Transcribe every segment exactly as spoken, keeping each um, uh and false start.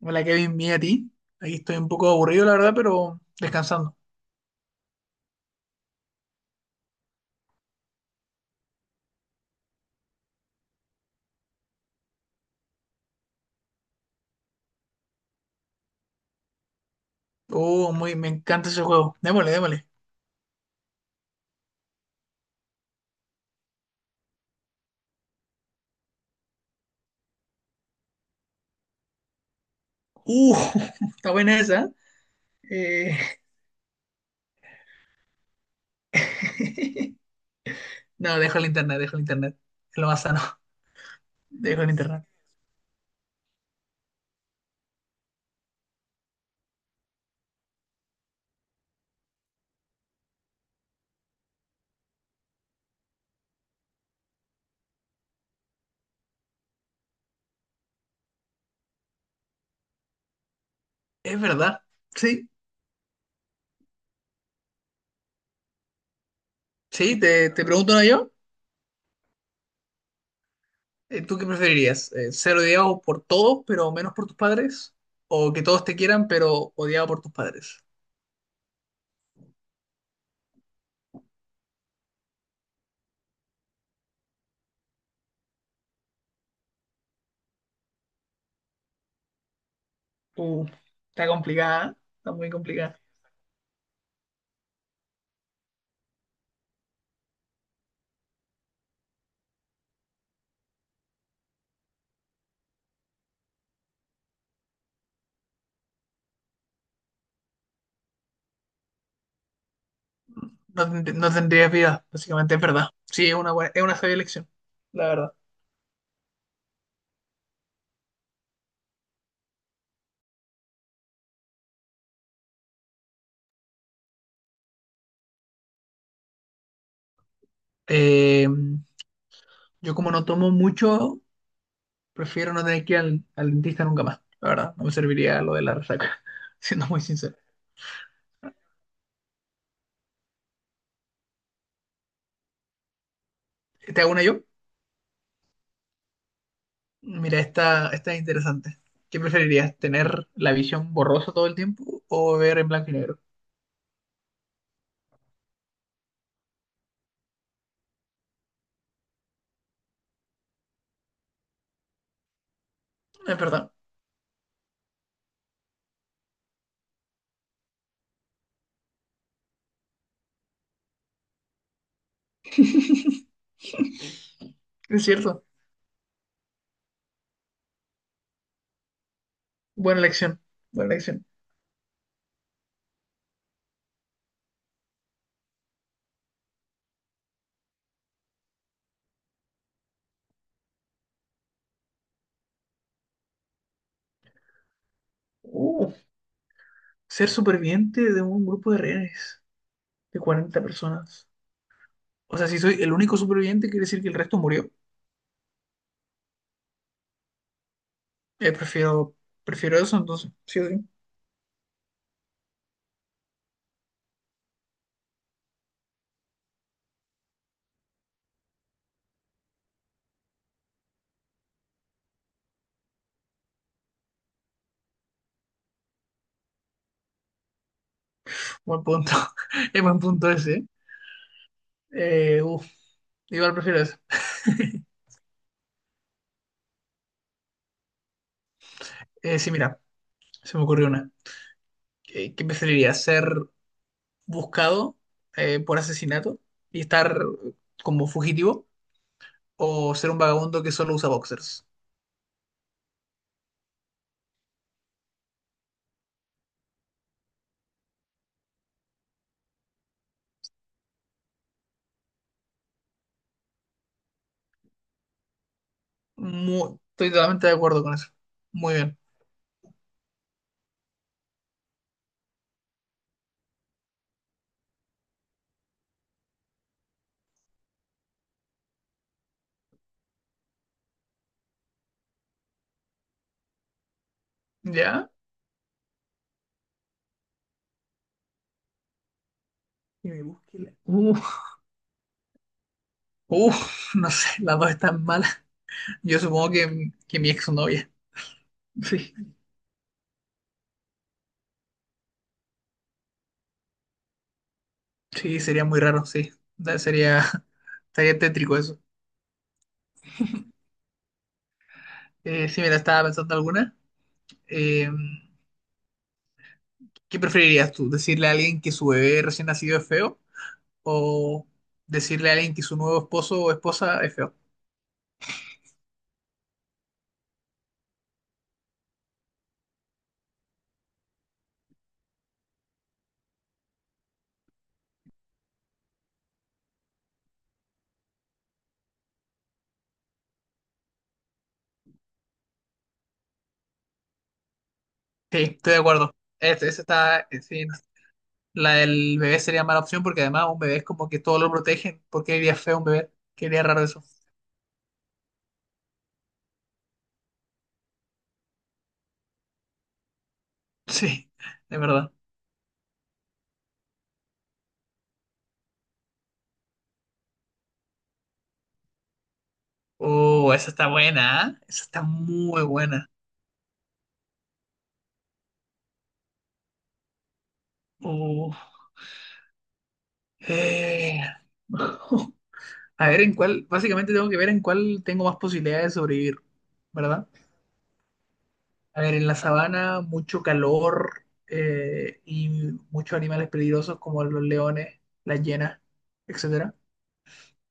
Hola Kevin, bien a ti. Aquí estoy un poco aburrido, la verdad, pero descansando. Oh, muy, me encanta ese juego. Démosle, démosle. Uh, Está buena esa. Eh, No, dejo el internet, dejo el internet. Es lo más sano. Dejo el internet. Es verdad. Sí, sí, te, te pregunto, ¿no?, yo. Eh, ¿Tú qué preferirías? Eh, ¿ser odiado por todos, pero menos por tus padres? ¿O que todos te quieran, pero odiado por tus padres? Uh, está complicada, ¿eh? Está muy complicada. no, tend- no tendrías vida, básicamente, es verdad. Sí, es una buena- es una sabia elección, la verdad. Eh, yo como no tomo mucho, prefiero no tener que ir al, al dentista nunca más, la verdad. No me serviría lo de la resaca, siendo muy sincero. ¿Te hago una yo? Mira, esta, esta es interesante. ¿Qué preferirías, tener la visión borrosa todo el tiempo o ver en blanco y negro? Es verdad, es cierto. Buena elección, buena elección. Uh, ser superviviente de un grupo de rehenes de cuarenta personas. O sea, si soy el único superviviente, quiere decir que el resto murió. Eh, prefiero, prefiero eso, entonces. Sí o sí. Buen punto. Es buen punto ese. ¿Eh? Eh, uf, igual prefiero eso. Eh, sí, mira, se me ocurrió una. ¿Qué, qué preferirías? ¿Ser buscado eh, por asesinato y estar como fugitivo? ¿O ser un vagabundo que solo usa boxers? Mu- estoy totalmente de acuerdo con eso. Muy bien. ¿Ya? Que me busque la- Uh, uh, no sé, las dos están mal. Yo supongo que, que mi exnovia. Sí, sí, sería muy raro, sí. Da- Sería, sería tétrico eso. Eh, si me estaba pensando alguna, eh, ¿qué preferirías tú? ¿Decirle a alguien que su bebé recién nacido es feo? ¿O decirle a alguien que su nuevo esposo o esposa es feo? Sí, estoy de acuerdo. Este- ese está, eh, sí, no. La del bebé sería mala opción porque además un bebé es como que todo lo protegen. ¿Por qué diría feo un bebé? Qué diría raro eso. Sí, de verdad. Oh, esa está buena, ¿eh? Esa está muy buena. Uh, eh. A ver en cuál, básicamente tengo que ver en cuál tengo más posibilidades de sobrevivir, ¿verdad? A ver, en la sabana mucho calor, eh, y muchos animales peligrosos como los leones, las hienas, etcétera.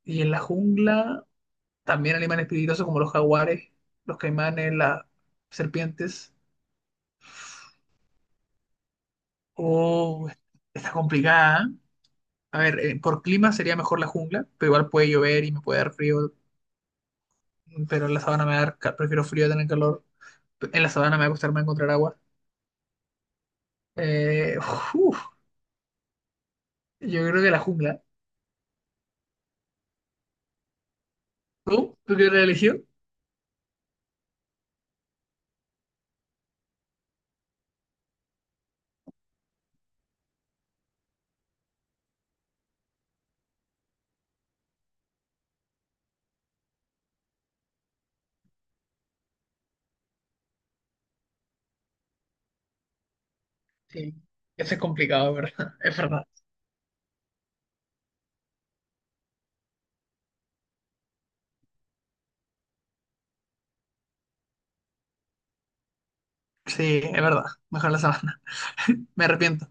Y en la jungla también animales peligrosos como los jaguares, los caimanes, las serpientes. Oh, está complicada, ¿eh? A ver, eh, por clima sería mejor la jungla, pero igual puede llover y me puede dar frío, pero en la sabana me va a dar, ca- prefiero frío a tener calor. En la sabana me va a costar más encontrar agua. Eh, uf, yo creo que la jungla. ¿Tú? ¿Tú qué religión? Sí, eso es complicado, ¿es verdad? Es verdad. Sí, es verdad. Mejor la sabana. Me arrepiento.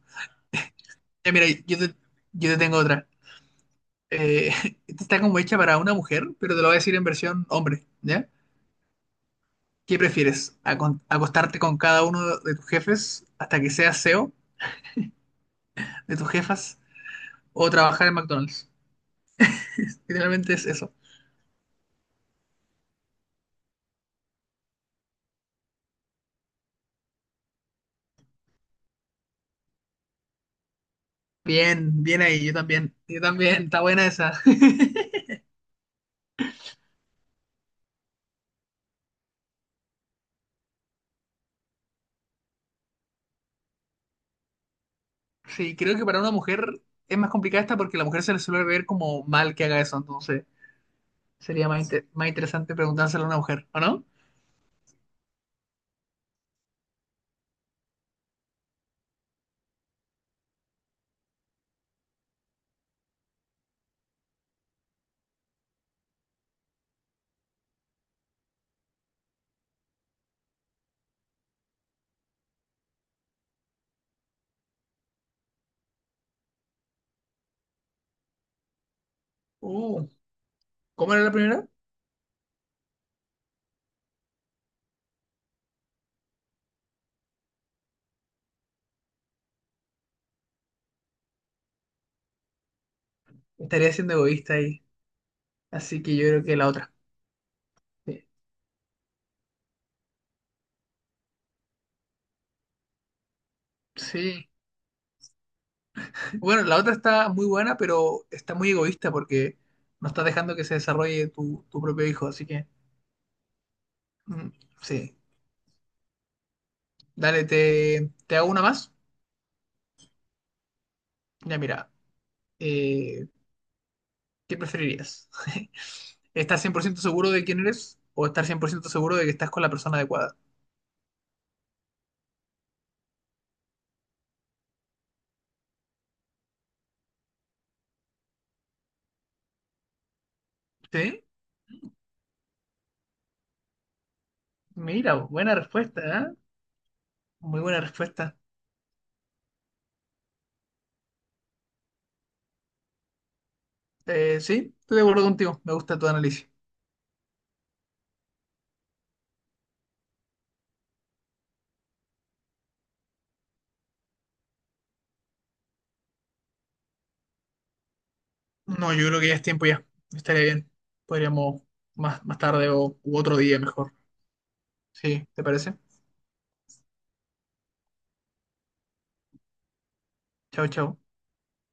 Ya, mira, yo te, yo te tengo otra. Eh, Esta está como hecha para una mujer, pero te lo voy a decir en versión hombre, ¿ya? ¿Qué prefieres? ¿Acon- ¿Acostarte con cada uno de tus jefes hasta que seas C E O de tus jefas o trabajar en McDonald's? Literalmente es eso. Bien, bien ahí, yo también, yo también, está buena esa. Sí, creo que para una mujer es más complicada esta porque a la mujer se le suele ver como mal que haga eso, entonces sería más, inte- más interesante preguntárselo a una mujer, ¿o no? Uh, ¿cómo era la primera? Estaría siendo egoísta ahí, así que yo creo que la otra. Sí. Sí. Bueno, la otra está muy buena, pero está muy egoísta porque no estás dejando que se desarrolle tu, tu propio hijo, así que mm, sí. Dale, te, te hago una más. Ya, mira, eh, ¿Qué preferirías? ¿Estar cien por ciento seguro de quién eres o estar cien por ciento seguro de que estás con la persona adecuada? Sí, mira, buena respuesta, ¿eh? Muy buena respuesta. Eh, sí, estoy de acuerdo contigo, me gusta tu análisis. No, yo creo que ya es tiempo ya, estaría bien. Podríamos más, más tarde o u otro día mejor. Sí, ¿te parece? Chao, chao.